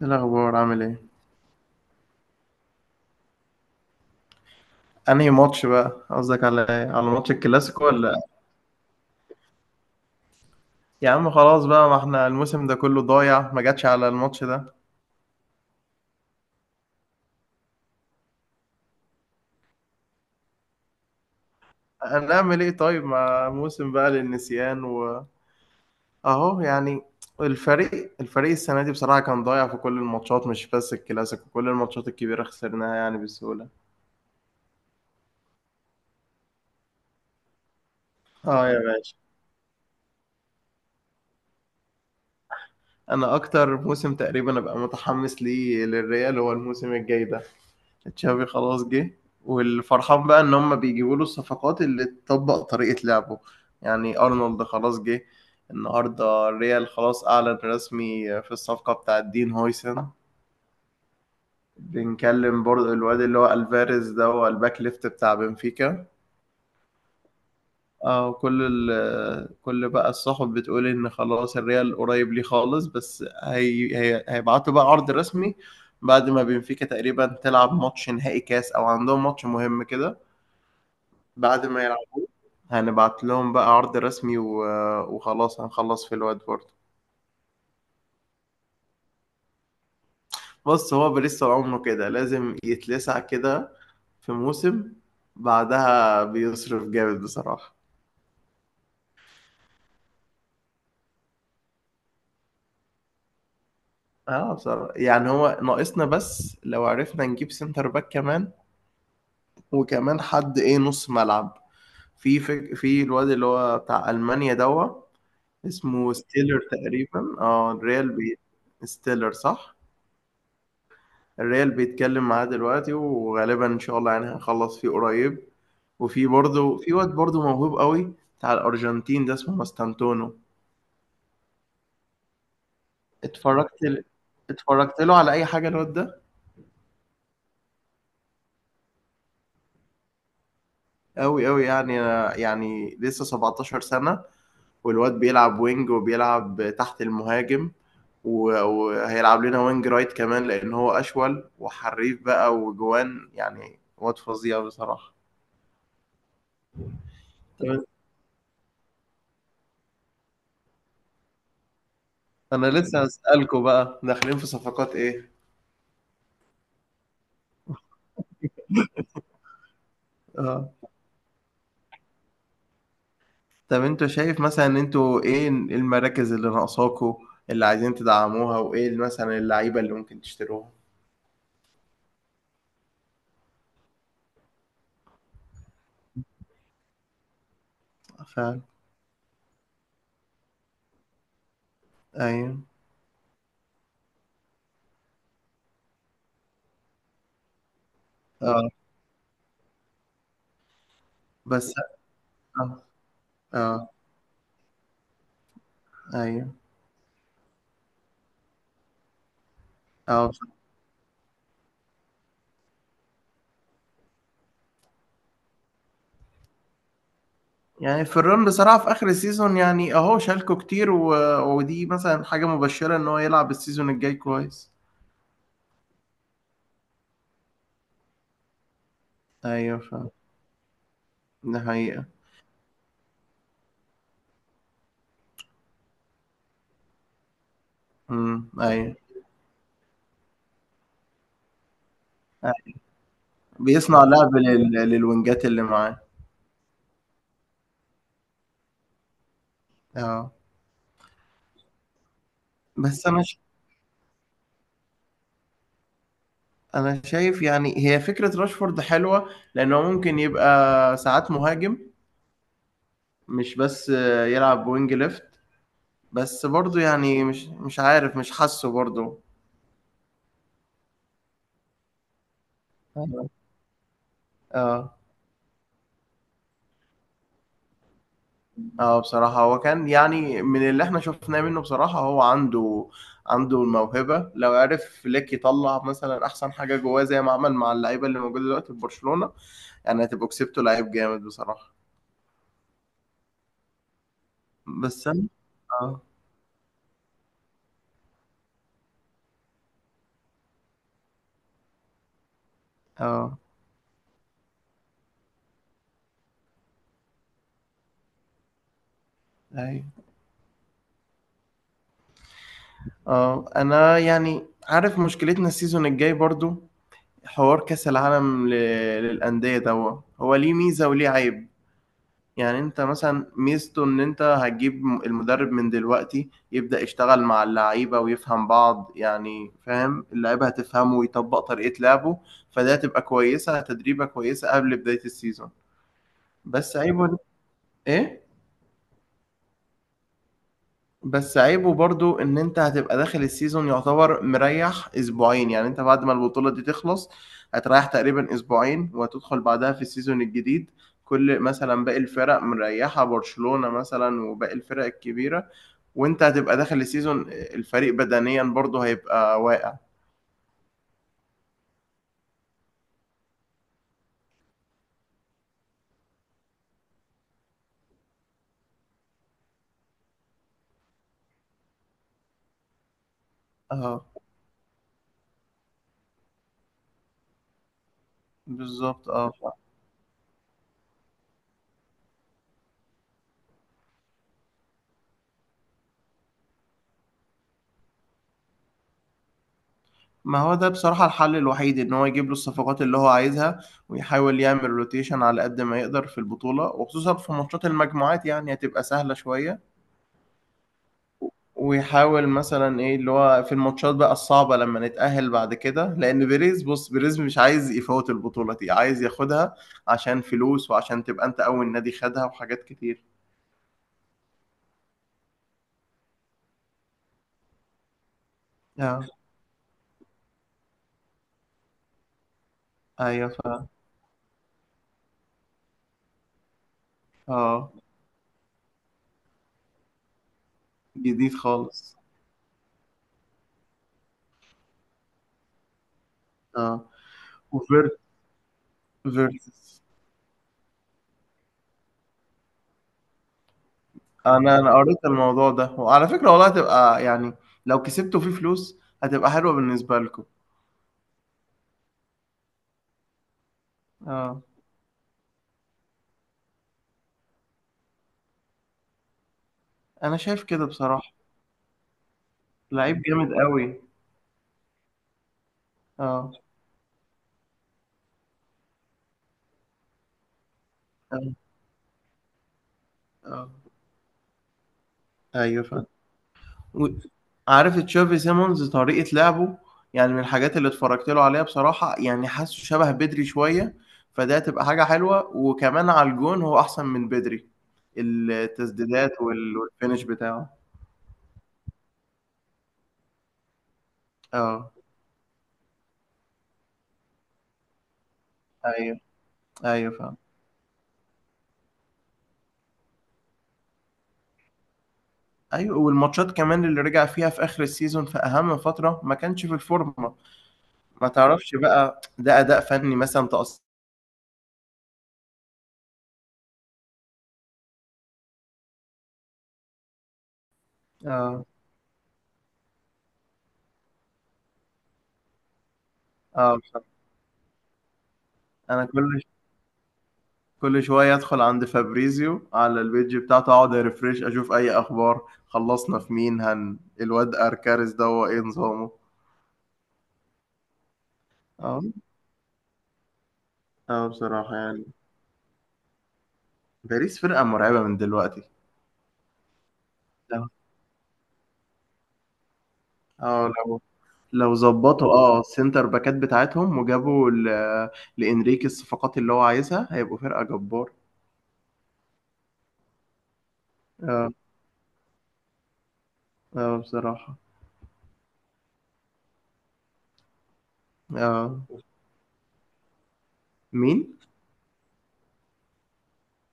ايه الاخبار؟ عامل ايه؟ انهي ماتش بقى؟ قصدك على ايه؟ على ماتش الكلاسيكو ولا؟ يا عم خلاص بقى، ما احنا الموسم ده كله ضايع، ما جاتش على الماتش ده. هنعمل ايه طيب؟ ما موسم بقى للنسيان واهو. يعني الفريق السنه دي بصراحه كان ضايع في كل الماتشات، مش بس الكلاسيكو، كل الماتشات الكبيره خسرناها يعني بسهوله. اه يا باشا، انا اكتر موسم تقريبا ابقى متحمس ليه للريال هو الموسم الجاي ده. تشافي خلاص جه، والفرحان بقى ان هم بيجيبوا له الصفقات اللي تطبق طريقة لعبه. يعني ارنولد خلاص جه. النهارده الريال خلاص اعلن رسمي في الصفقة بتاعت دين هويسن. بنكلم برضه الواد اللي هو الفاريز ده، هو الباك ليفت بتاع بنفيكا. اه، كل بقى الصحف بتقول ان خلاص الريال قريب ليه خالص، بس هي هيبعتوا بقى عرض رسمي بعد ما بنفيكا تقريبا تلعب ماتش نهائي كاس، او عندهم ماتش مهم كده. بعد ما يلعب هنبعت لهم بقى عرض رسمي وخلاص هنخلص في الوقت برضه. بص، هو باريس طول عمره كده لازم يتلسع كده في موسم، بعدها بيصرف جامد بصراحة. اه بصراحة، يعني هو ناقصنا بس لو عرفنا نجيب سنتر باك كمان، وكمان حد ايه، نص ملعب. في الواد اللي هو بتاع ألمانيا دوا، اسمه ستيلر تقريبا. اه، ستيلر صح. الريال بيتكلم معاه دلوقتي، وغالبا ان شاء الله يعني هنخلص فيه قريب. وفي برضه في واد برضه موهوب قوي، بتاع الارجنتين ده، اسمه ماستانتونو. اتفرجت ل... اتفرجت له على اي حاجه الواد ده. قوي قوي يعني، يعني لسه 17 سنه، والواد بيلعب وينج وبيلعب تحت المهاجم، وهيلعب لنا وينج رايت كمان، لان هو اشول وحريف بقى وجوان، يعني واد فظيع بصراحه. طب انا لسه هسألكوا بقى داخلين في صفقات ايه. اه، طب انتوا شايف مثلا ان انتوا ايه المراكز اللي ناقصاكوا، اللي عايزين تدعموها، وايه مثلا اللعيبه اللي ممكن تشتروها؟ فعلا. ايوه. اه. بس. اه. اه. ايوه. اه يعني في الرن بصراحه في اخر السيزون، يعني اهو شالكوا كتير ودي مثلا حاجه مبشره ان هو يلعب السيزون الجاي كويس. ايوه فعلا، ده حقيقه. امم، ايوه. أيوة. بيصنع لعب للوينجات اللي معاه. اه. بس انا، انا شايف يعني هي فكرة راشفورد حلوة لانه ممكن يبقى ساعات مهاجم، مش بس يلعب وينج ليفت، بس برضه يعني مش عارف، مش حاسه برضه. اه. اه بصراحة، هو كان يعني من اللي احنا شفناه منه بصراحة هو عنده، عنده الموهبة لو عرف فليك يطلع مثلا احسن حاجة جواه، زي ما عمل مع اللعيبة اللي موجودة دلوقتي في برشلونة. يعني هتبقوا كسبتوا لعيب جامد بصراحة. بس انا. اه. اه. أيوة. آه انا يعني عارف مشكلتنا السيزون الجاي برضو، حوار كأس العالم للأندية ده، هو ليه ميزة وليه عيب. يعني انت مثلا ميزته ان انت هتجيب المدرب من دلوقتي يبدأ يشتغل مع اللعيبة ويفهم بعض، يعني فاهم اللعيبة هتفهمه ويطبق طريقة لعبه. فده هتبقى كويسة، تدريبة كويسة قبل بداية السيزون. بس عيبه ايه؟ بس عيبه برضو ان انت هتبقى داخل السيزون يعتبر مريح اسبوعين، يعني انت بعد ما البطولة دي تخلص هتريح تقريبا اسبوعين وهتدخل بعدها في السيزون الجديد. كل مثلا باقي الفرق مريحة، برشلونة مثلا وباقي الفرق الكبيرة، وانت هتبقى داخل السيزون الفريق بدنيا برضو هيبقى واقع. اه بالظبط اه. ما هو ده بصراحة الحل الوحيد، ان هو يجيب له الصفقات اللي هو عايزها، ويحاول يعمل روتيشن على قد ما يقدر في البطولة، وخصوصا في ماتشات المجموعات يعني هتبقى سهلة شوية. ويحاول مثلا ايه اللي هو في الماتشات بقى الصعبة لما نتأهل بعد كده، لان بيريز، بص بيريز مش عايز يفوت البطولة دي، عايز ياخدها عشان فلوس، وعشان تبقى انت اول نادي خدها، وحاجات كتير. اه. ايوه. ف اه. جديد خالص. اه. وفيرت. فيرتس. انا، انا قريت الموضوع ده، وعلى فكرة والله هتبقى يعني لو كسبتوا فيه فلوس هتبقى حلوة بالنسبة لكم. اه، انا شايف كده بصراحة. لعيب جامد قوي. اه. اه. اه. ايوه فاهم. و- عارف تشافي سيمونز طريقة لعبه؟ يعني من الحاجات اللي اتفرجت له عليها بصراحة يعني حاسه شبه بدري شوية. فده هتبقى حاجة حلوة، وكمان على الجون هو احسن من بدري، التسديدات والفينش بتاعه. اه. ايوه. ايوه فاهم. أيوه، والماتشات كمان اللي رجع فيها في آخر السيزون في أهم فترة ما كانش في الفورمة، ما تعرفش بقى ده أداء فني مثلًا تقص. آه. آه بالضبط. أنا كل ش كل شوية أدخل عند فابريزيو على الpage بتاعته، أقعد refresh أشوف أي أخبار، خلّصنا في مين، هن الواد أركاريس دوّة إيه نظامه؟ آه. آه بصراحة يعني، باريس فرقة مرعبة من دلوقتي. آه. آه لو ظبطوا اه السنتر باكات بتاعتهم، وجابوا لإنريكي الصفقات اللي هو عايزها، هيبقوا فرقة جبار. اه. اه بصراحة. اه. مين؟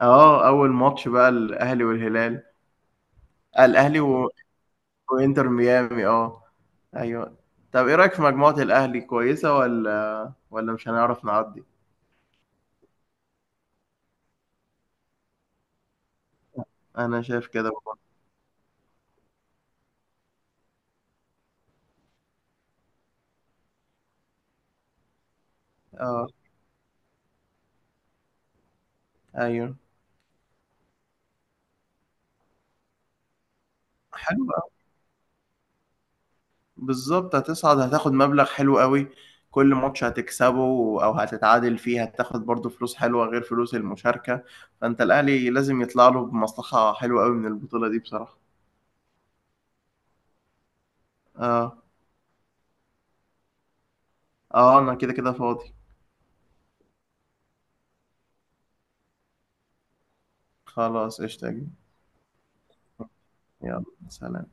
اه، أول ماتش بقى الأهلي والهلال. آه الأهلي وإنتر ميامي، اه. أيوه. طب إيه رأيك في مجموعة الأهلي، كويسة ولا مش هنعرف نعدي؟ أنا شايف كده برضه. اه. أيوه. حلو. بالظبط هتصعد، هتاخد مبلغ حلو قوي. كل ماتش هتكسبه او هتتعادل فيه هتاخد برضو فلوس حلوة، غير فلوس المشاركة. فانت الاهلي لازم يطلع له بمصلحة حلوة قوي من البطولة دي بصراحة. اه. اه انا كده كده فاضي. خلاص قشطة يا جميل. يلا، سلام.